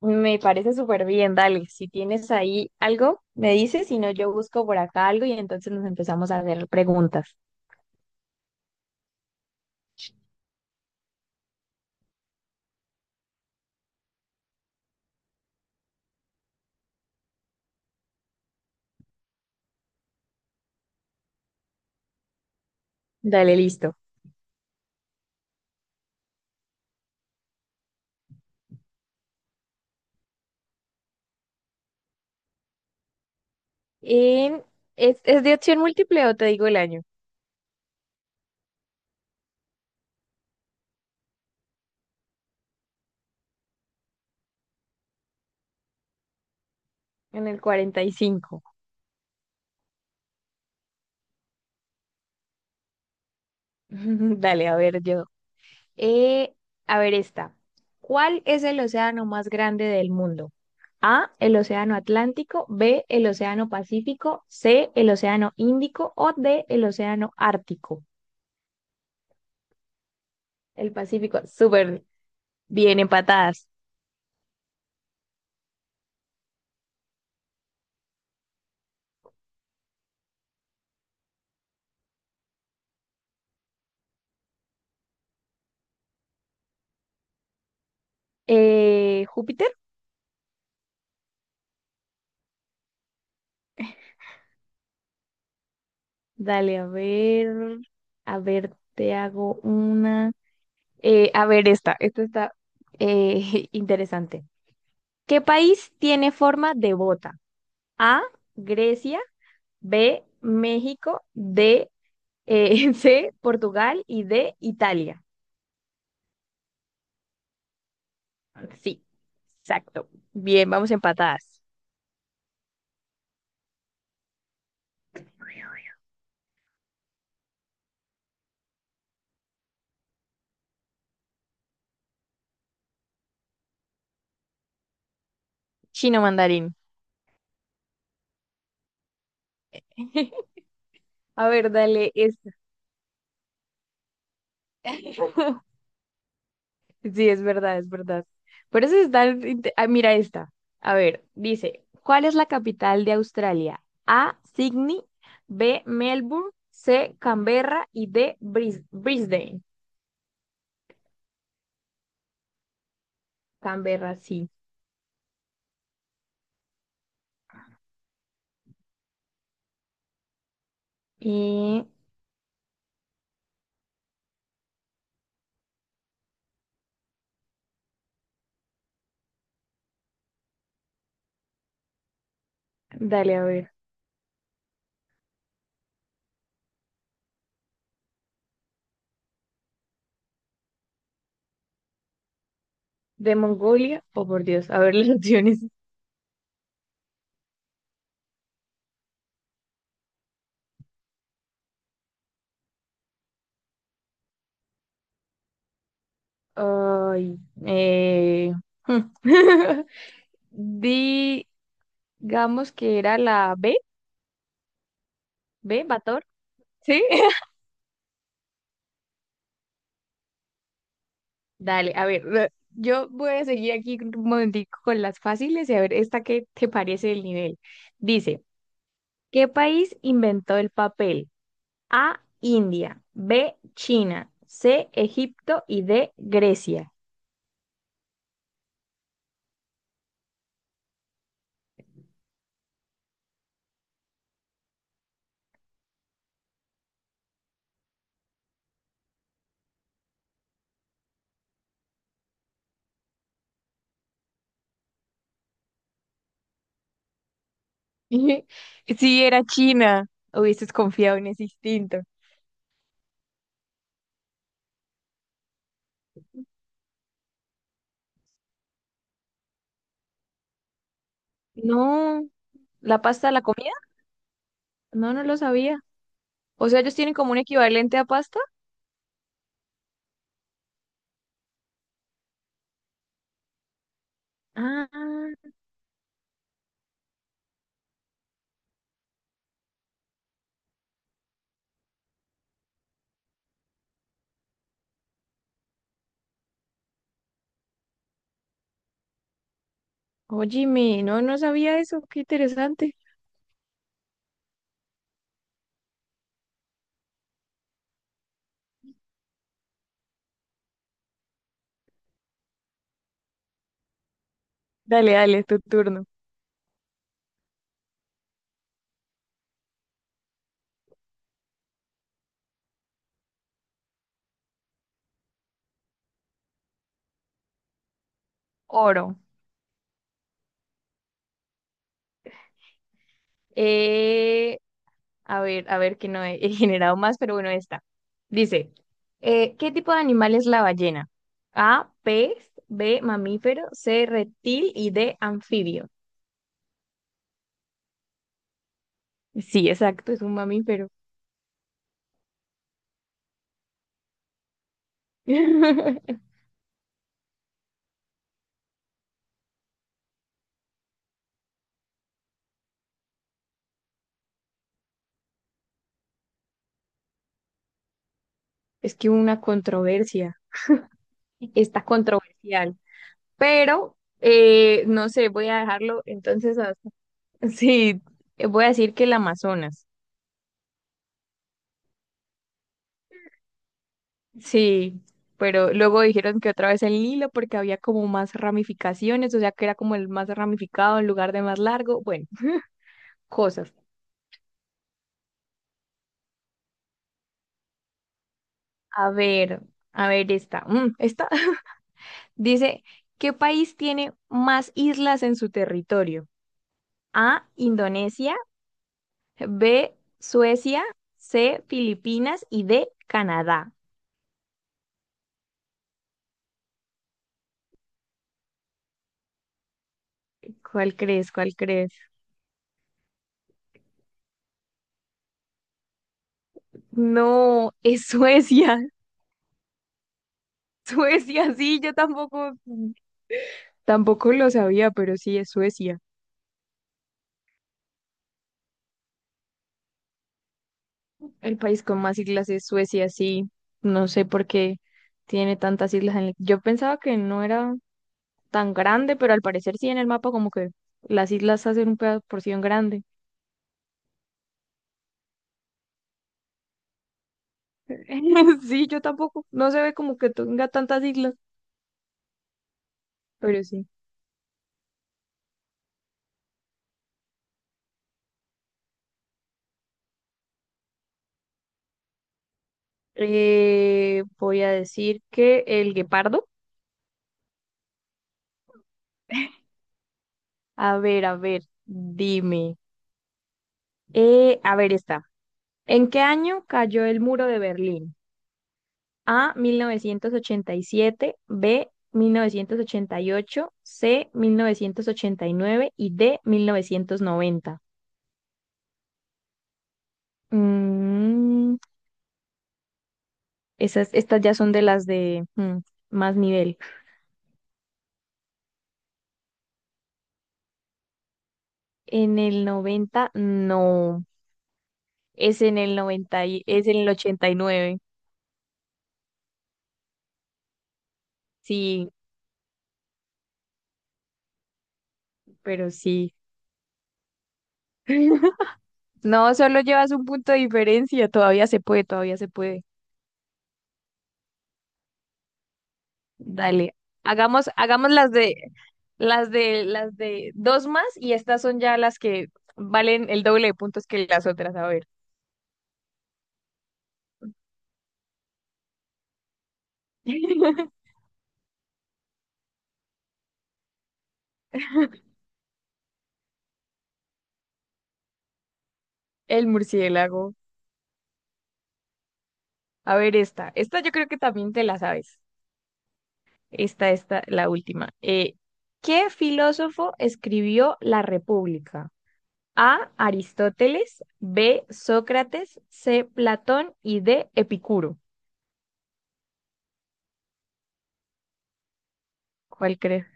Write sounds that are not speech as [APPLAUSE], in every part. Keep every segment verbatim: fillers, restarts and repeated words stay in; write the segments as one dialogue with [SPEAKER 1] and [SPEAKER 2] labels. [SPEAKER 1] Me parece súper bien, dale. Si tienes ahí algo, me dices, si no, yo busco por acá algo y entonces nos empezamos a hacer preguntas. Dale, listo. En- ¿es, es de opción múltiple o te digo el año? En el cuarenta y cinco. [LAUGHS] Dale, a ver, yo. Eh, a ver esta. ¿Cuál es el océano más grande del mundo? A, el océano Atlántico; B, el océano Pacífico; C, el océano Índico; o D, el océano Ártico. El Pacífico, súper bien, empatadas. Eh, Júpiter, dale, a ver, a ver, te hago una. Eh, a ver, esta, esta está eh, [LAUGHS] interesante. ¿Qué país tiene forma de bota? A, Grecia; B, México; D, eh, [LAUGHS] C, Portugal; y D, Italia. Sí, exacto. Bien, vamos empatadas. Chino mandarín. [LAUGHS] A ver, dale, esta. [LAUGHS] Sí, es verdad, es verdad. Por eso está... inte- Ah, mira esta. A ver, dice, ¿cuál es la capital de Australia? A, Sydney; B, Melbourne; C, Canberra; y D, Bris- Brisbane. Canberra, sí. Y dale, a ver, ¿de Mongolia? Oh, por Dios, a ver las [LAUGHS] opciones. Ay, eh... [LAUGHS] Digamos que era la B, B, Bator, ¿sí? Dale, a ver, re- yo voy a seguir aquí un momentico con las fáciles y a ver esta qué te parece el nivel. Dice, ¿qué país inventó el papel? A, India; B, China; C, Egipto; y D, Grecia. [LAUGHS] Sí, era China. Hubieses confiado en ese instinto. No, ¿la pasta de la comida? No, no lo sabía. O sea, ellos tienen como un equivalente a pasta. Ah, óyeme, no, no sabía eso, qué interesante. Dale, dale, tu turno. Oro. Eh, a ver, a ver que no he, [LAUGHS] he generado más, pero bueno, esta. Dice, eh, ¿qué tipo de animal es la ballena? A, pez; B, mamífero; C, reptil; y D, anfibio. Sí, exacto, es un mamífero. [LAUGHS] Es que hubo una controversia, está controversial, pero eh, no sé, voy a dejarlo entonces, a- [LAUGHS] sí, voy a decir que el Amazonas. Sí, pero luego dijeron que otra vez el Nilo porque había como más ramificaciones, o sea que era como el más ramificado en lugar de más largo. Bueno, [LAUGHS] cosas. A ver, a ver esta. Mm, esta [LAUGHS] dice, ¿qué país tiene más islas en su territorio? A, Indonesia; B, Suecia; C, Filipinas; y D, Canadá. ¿Cuál crees? ¿Cuál crees? No, es Suecia. [LAUGHS] Suecia, sí, yo tampoco tampoco lo sabía, pero sí es Suecia. El país con más islas es Suecia, sí. No sé por qué tiene tantas islas. en el- Yo pensaba que no era tan grande, pero al parecer sí, en el mapa como que las islas hacen una porción grande. [LAUGHS] Sí, yo tampoco. No se ve como que tenga tantas islas, pero sí. Eh, voy a decir que el guepardo. A ver, a ver, dime. Eh, a ver, está. ¿En qué año cayó el muro de Berlín? A, mil novecientos ochenta y siete; B, mil novecientos ochenta y ocho; C, mil novecientos ochenta y nueve; y D, mil novecientos noventa. Mm, esas, estas ya son de las de mm, más nivel. En el noventa, no. Es en el noventa y- es en el ochenta y nueve. Sí, pero sí. [LAUGHS] No, solo llevas un punto de diferencia. Todavía se puede, todavía se puede. Dale. Hagamos, hagamos las de Las de, las de dos más, y estas son ya las que valen el doble de puntos que las otras. A ver. [LAUGHS] El murciélago. A ver, esta. Esta yo creo que también te la sabes. Esta, esta, la última. Eh, ¿qué filósofo escribió La República? A, Aristóteles; B, Sócrates; C, Platón; y D, Epicuro. ¿Cuál crees?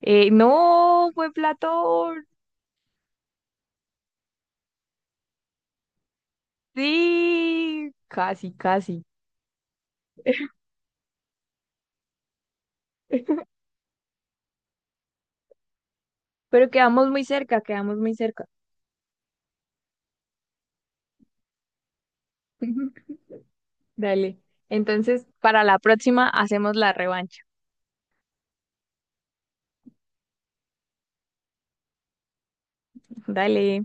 [SPEAKER 1] Eh, no, fue Platón. Sí, casi, casi. [LAUGHS] Pero quedamos muy cerca, quedamos muy cerca. [LAUGHS] Dale. Entonces, para la próxima hacemos la revancha. Dale.